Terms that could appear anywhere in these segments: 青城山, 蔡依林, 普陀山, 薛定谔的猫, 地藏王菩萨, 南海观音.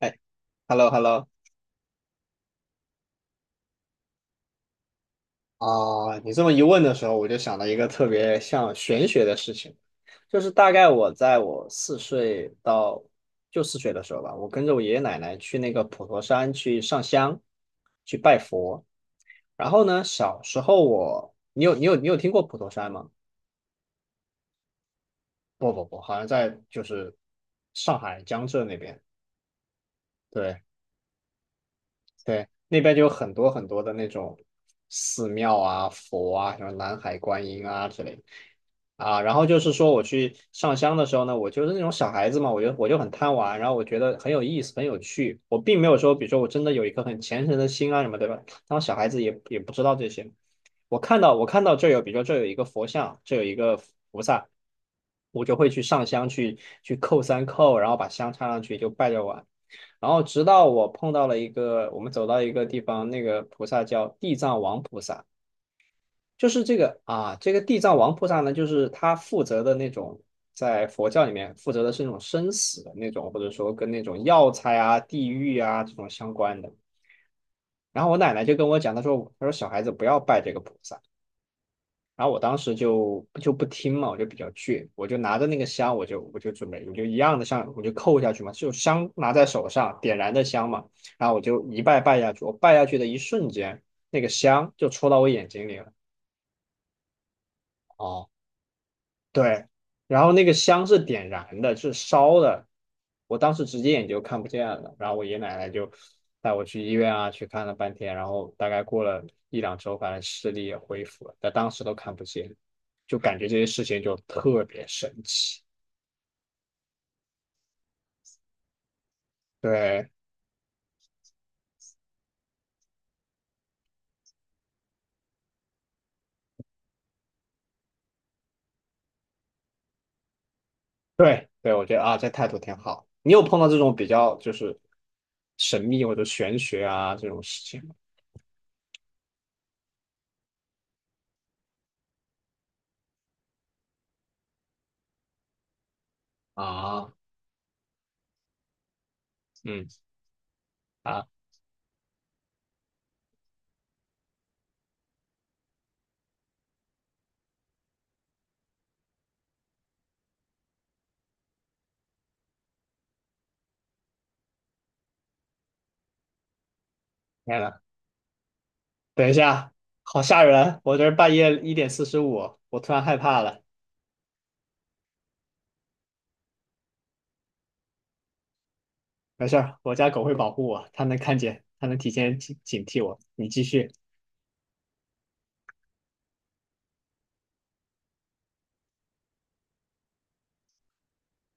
哎 Hello Hello。 啊，你这么一问的时候，我就想到一个特别像玄学的事情，就是大概我在我四岁到就四岁的时候吧，我跟着我爷爷奶奶去那个普陀山去上香。然后呢，小时候我，你有听过普陀山吗？不不不，好像在就是上海江浙那边。对，对，那边就有很多很多的那种寺庙啊、佛啊，什么南海观音啊之类的啊。然后就是说，我去上香的时候呢，我就是那种小孩子嘛，我就很贪玩，然后我觉得很有意思、很有趣。我并没有说，比如说我真的有一颗很虔诚的心啊什么，对吧？当小孩子也不知道这些。我看到这有，比如说这有一个佛像，这有一个菩萨，我就会去上香去叩三叩，然后把香插上去就拜着玩。然后直到我碰到了一个，我们走到一个地方，那个菩萨叫地藏王菩萨，就是这个啊，这个地藏王菩萨呢，就是他负责的那种，在佛教里面负责的是那种生死的那种，或者说跟那种药材啊、地狱啊这种相关的。然后我奶奶就跟我讲，她说小孩子不要拜这个菩萨，然后我当时就不听嘛，我就比较倔，我就拿着那个香，我就准备，我就一样的像我就扣下去嘛，就香拿在手上，点燃的香嘛，然后我就一拜拜下去，我拜下去的一瞬间，那个香就戳到我眼睛里了。对。然后那个香是点燃的，是烧的，我当时直接眼就看不见了，然后我爷爷奶奶就带我去医院啊，去看了半天，然后大概过了一两周，反正视力也恢复了，但当时都看不见，就感觉这些事情就特别神奇。对对对，我觉得啊，这态度挺好。你有碰到这种比较就是神秘或者玄学啊这种事情吗？啊，嗯啊，天呐，等一下，好吓人！我这儿半夜1:45，我突然害怕了。没事儿，我家狗会保护我，它能看见，它能提前警惕我。你继续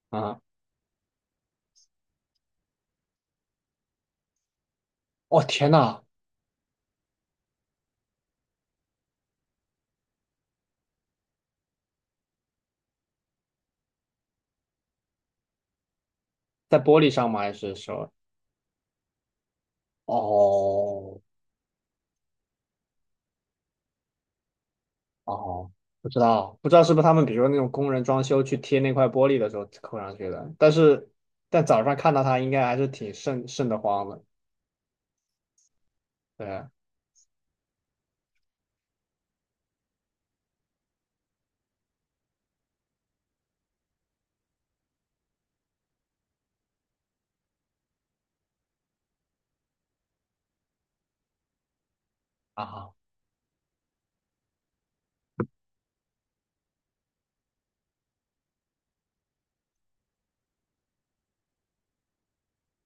啊！哦天呐，在玻璃上吗？还是说？哦哦，不知道，不知道是不是他们，比如说那种工人装修去贴那块玻璃的时候扣上去的。但是，但早上看到它，应该还是挺瘆瘆得慌的。对啊，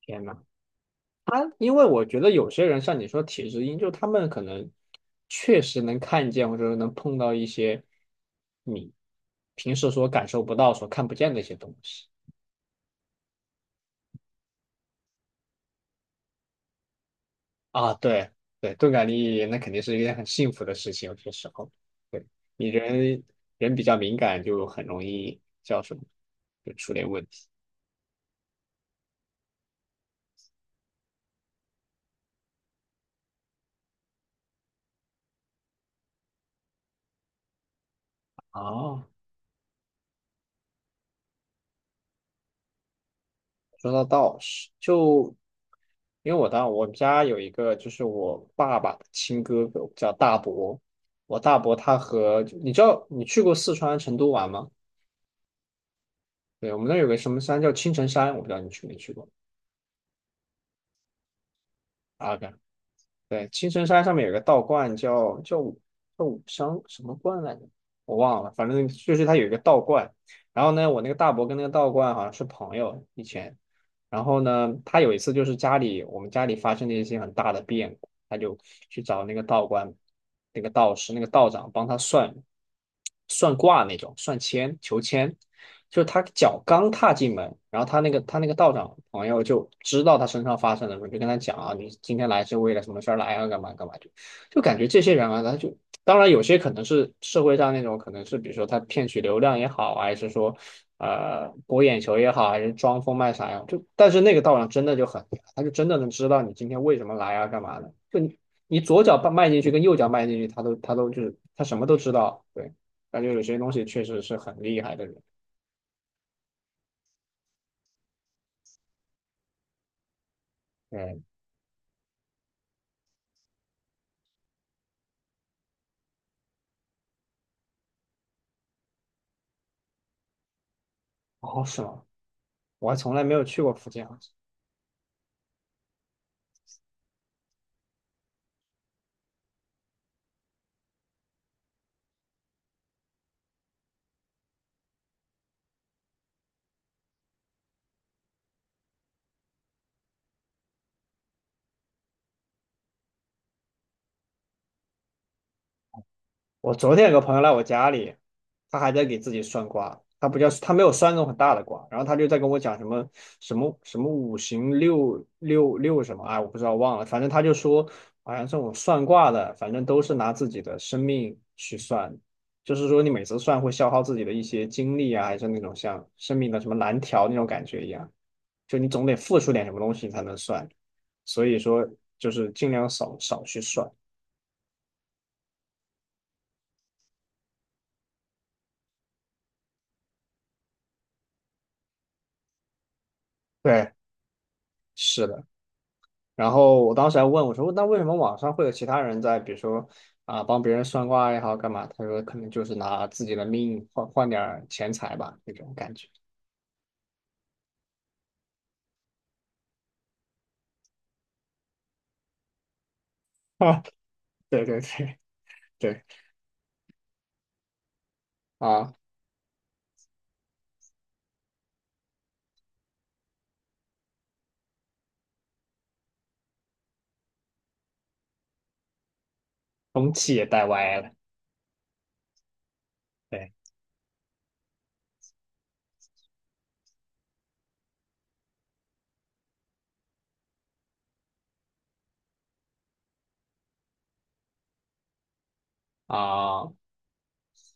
天呐！因为我觉得有些人像你说体质因就他们可能确实能看见，或者说能碰到一些你平时所感受不到、所看不见的一些东西。啊。对对，钝感力那肯定是一件很幸福的事情，有些时候。对。你人人比较敏感，就很容易叫什么，就出点问题。啊。说到道士，就因为我当我们家有一个就是我爸爸的亲哥哥叫大伯，我大伯他和你知道你去过四川成都玩吗？对，我们那儿有个什么山叫青城山，我不知道你去没去过。阿甘，对，青城山上面有个道观叫武商什么观来着，我忘了，反正就是它有一个道观。然后呢，我那个大伯跟那个道观好像是朋友以前。然后呢，他有一次就是我们家里发生了一些很大的变，他就去找那个道观，那个道士，那个道长帮他算算卦那种，算签求签。就他脚刚踏进门，然后他那个道长朋友就知道他身上发生了什么，就跟他讲啊，你今天来是为了什么事儿来啊，干嘛干嘛，就就感觉这些人啊，他就当然有些可能是社会上那种，可能是比如说他骗取流量也好啊，还是说博眼球也好，还是装疯卖傻呀，就但是那个道长真的就很他就真的能知道你今天为什么来啊，干嘛的，就你左脚迈进去跟右脚迈进去，他都就是他什么都知道。对，感觉有些东西确实是很厉害的人。嗯。哦，是吗？我还从来没有去过福建啊，好像。我昨天有个朋友来我家里，他还在给自己算卦，他不叫他没有算那种很大的卦，然后他就在跟我讲什么什么五行六六六什么，哎，我不知道忘了，反正他就说好像这种算卦的，反正都是拿自己的生命去算，就是说你每次算会消耗自己的一些精力啊，还是那种像生命的什么蓝条那种感觉一样，就你总得付出点什么东西你才能算，所以说就是尽量少去算。对，是的。然后我当时还问我说，那为什么网上会有其他人在，比如说啊帮别人算卦也好干嘛？他说可能就是拿自己的命换换点儿钱财吧，那种感觉。啊，对对对对啊，风气也带歪了。对啊，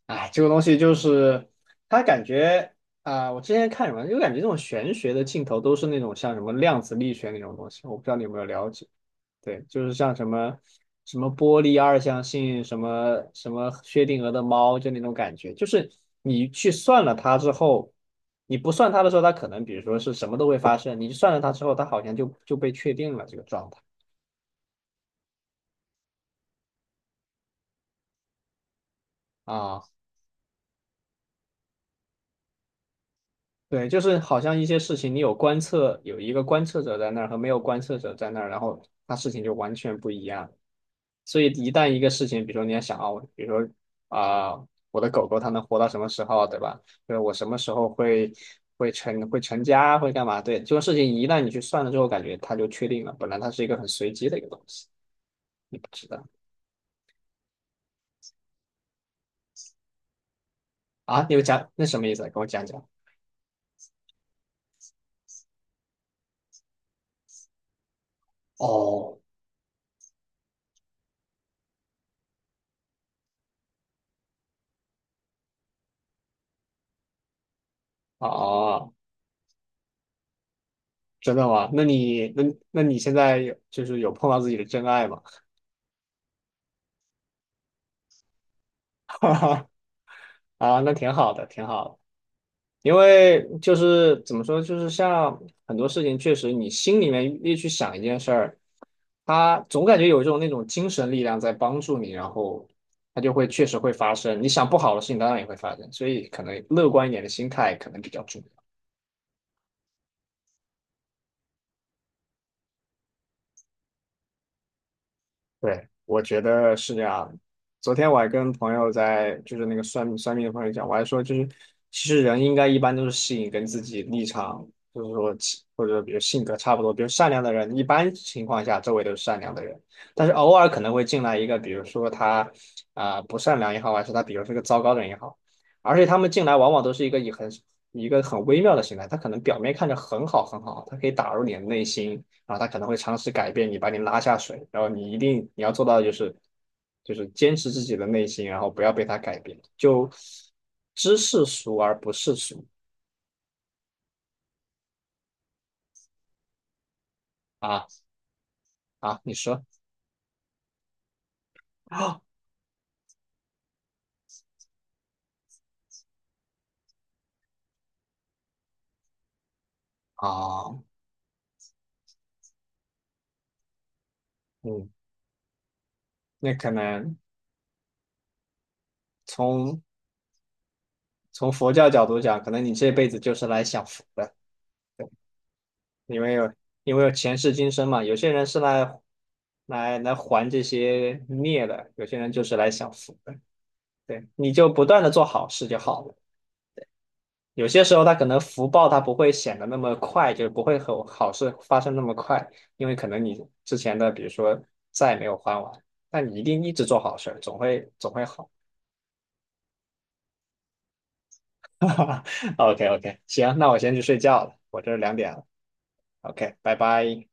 哎，这个东西就是它感觉啊、我之前看什么，就感觉这种玄学的镜头都是那种像什么量子力学那种东西，我不知道你有没有了解。对，就是像什么波粒二象性，什么薛定谔的猫，就那种感觉，就是你去算了它之后，你不算它的时候，它可能比如说是什么都会发生，你算了它之后，它好像就被确定了这个状态啊。对，就是好像一些事情，你有观测，有一个观测者在那儿和没有观测者在那儿，然后它事情就完全不一样。所以一旦一个事情，比如说你要想啊，我比如说啊、我的狗狗它能活到什么时候，对吧？就是我什么时候会成家，会干嘛？对，这个事情一旦你去算了之后，感觉它就确定了。本来它是一个很随机的一个东西，你不知道。啊？你有讲那什么意思啊？跟我讲讲。哦，哦哦真的吗？那你现在有就是有碰到自己的真爱吗？哈哈。啊，那挺好的，挺好的。因为就是怎么说，就是像很多事情，确实你心里面越去想一件事儿，它总感觉有一种那种精神力量在帮助你，然后它就会确实会发生。你想不好的事情，当然也会发生，所以可能乐观一点的心态可能比较重要。对，我觉得是这样的。昨天我还跟朋友在，就是那个算命算命的朋友讲，我还说就是，其实人应该一般都是吸引跟自己立场，就是说其或者比如性格差不多，比如善良的人，一般情况下周围都是善良的人，但是偶尔可能会进来一个，比如说他啊、不善良也好，还是他比如是个糟糕的人也好，而且他们进来往往都是一个以一个很微妙的形态，他可能表面看着很好很好，他可以打入你的内心。啊，他可能会尝试改变你，把你拉下水，然后你一定你要做到的就是坚持自己的内心，然后不要被他改变，就知世俗而不世俗。啊，啊！你说。啊啊。嗯，那可能从从佛教角度讲，可能你这辈子就是来享福的，因为有因为有前世今生嘛，有些人是来还这些孽的，有些人就是来享福的，对，你就不断的做好事就好了。有些时候它可能福报它不会显得那么快，就是不会和好事发生那么快，因为可能你之前的比如说债没有还完，但你一定一直做好事儿总会好。OK OK，行，那我先去睡觉了，我这2点了。OK，拜拜。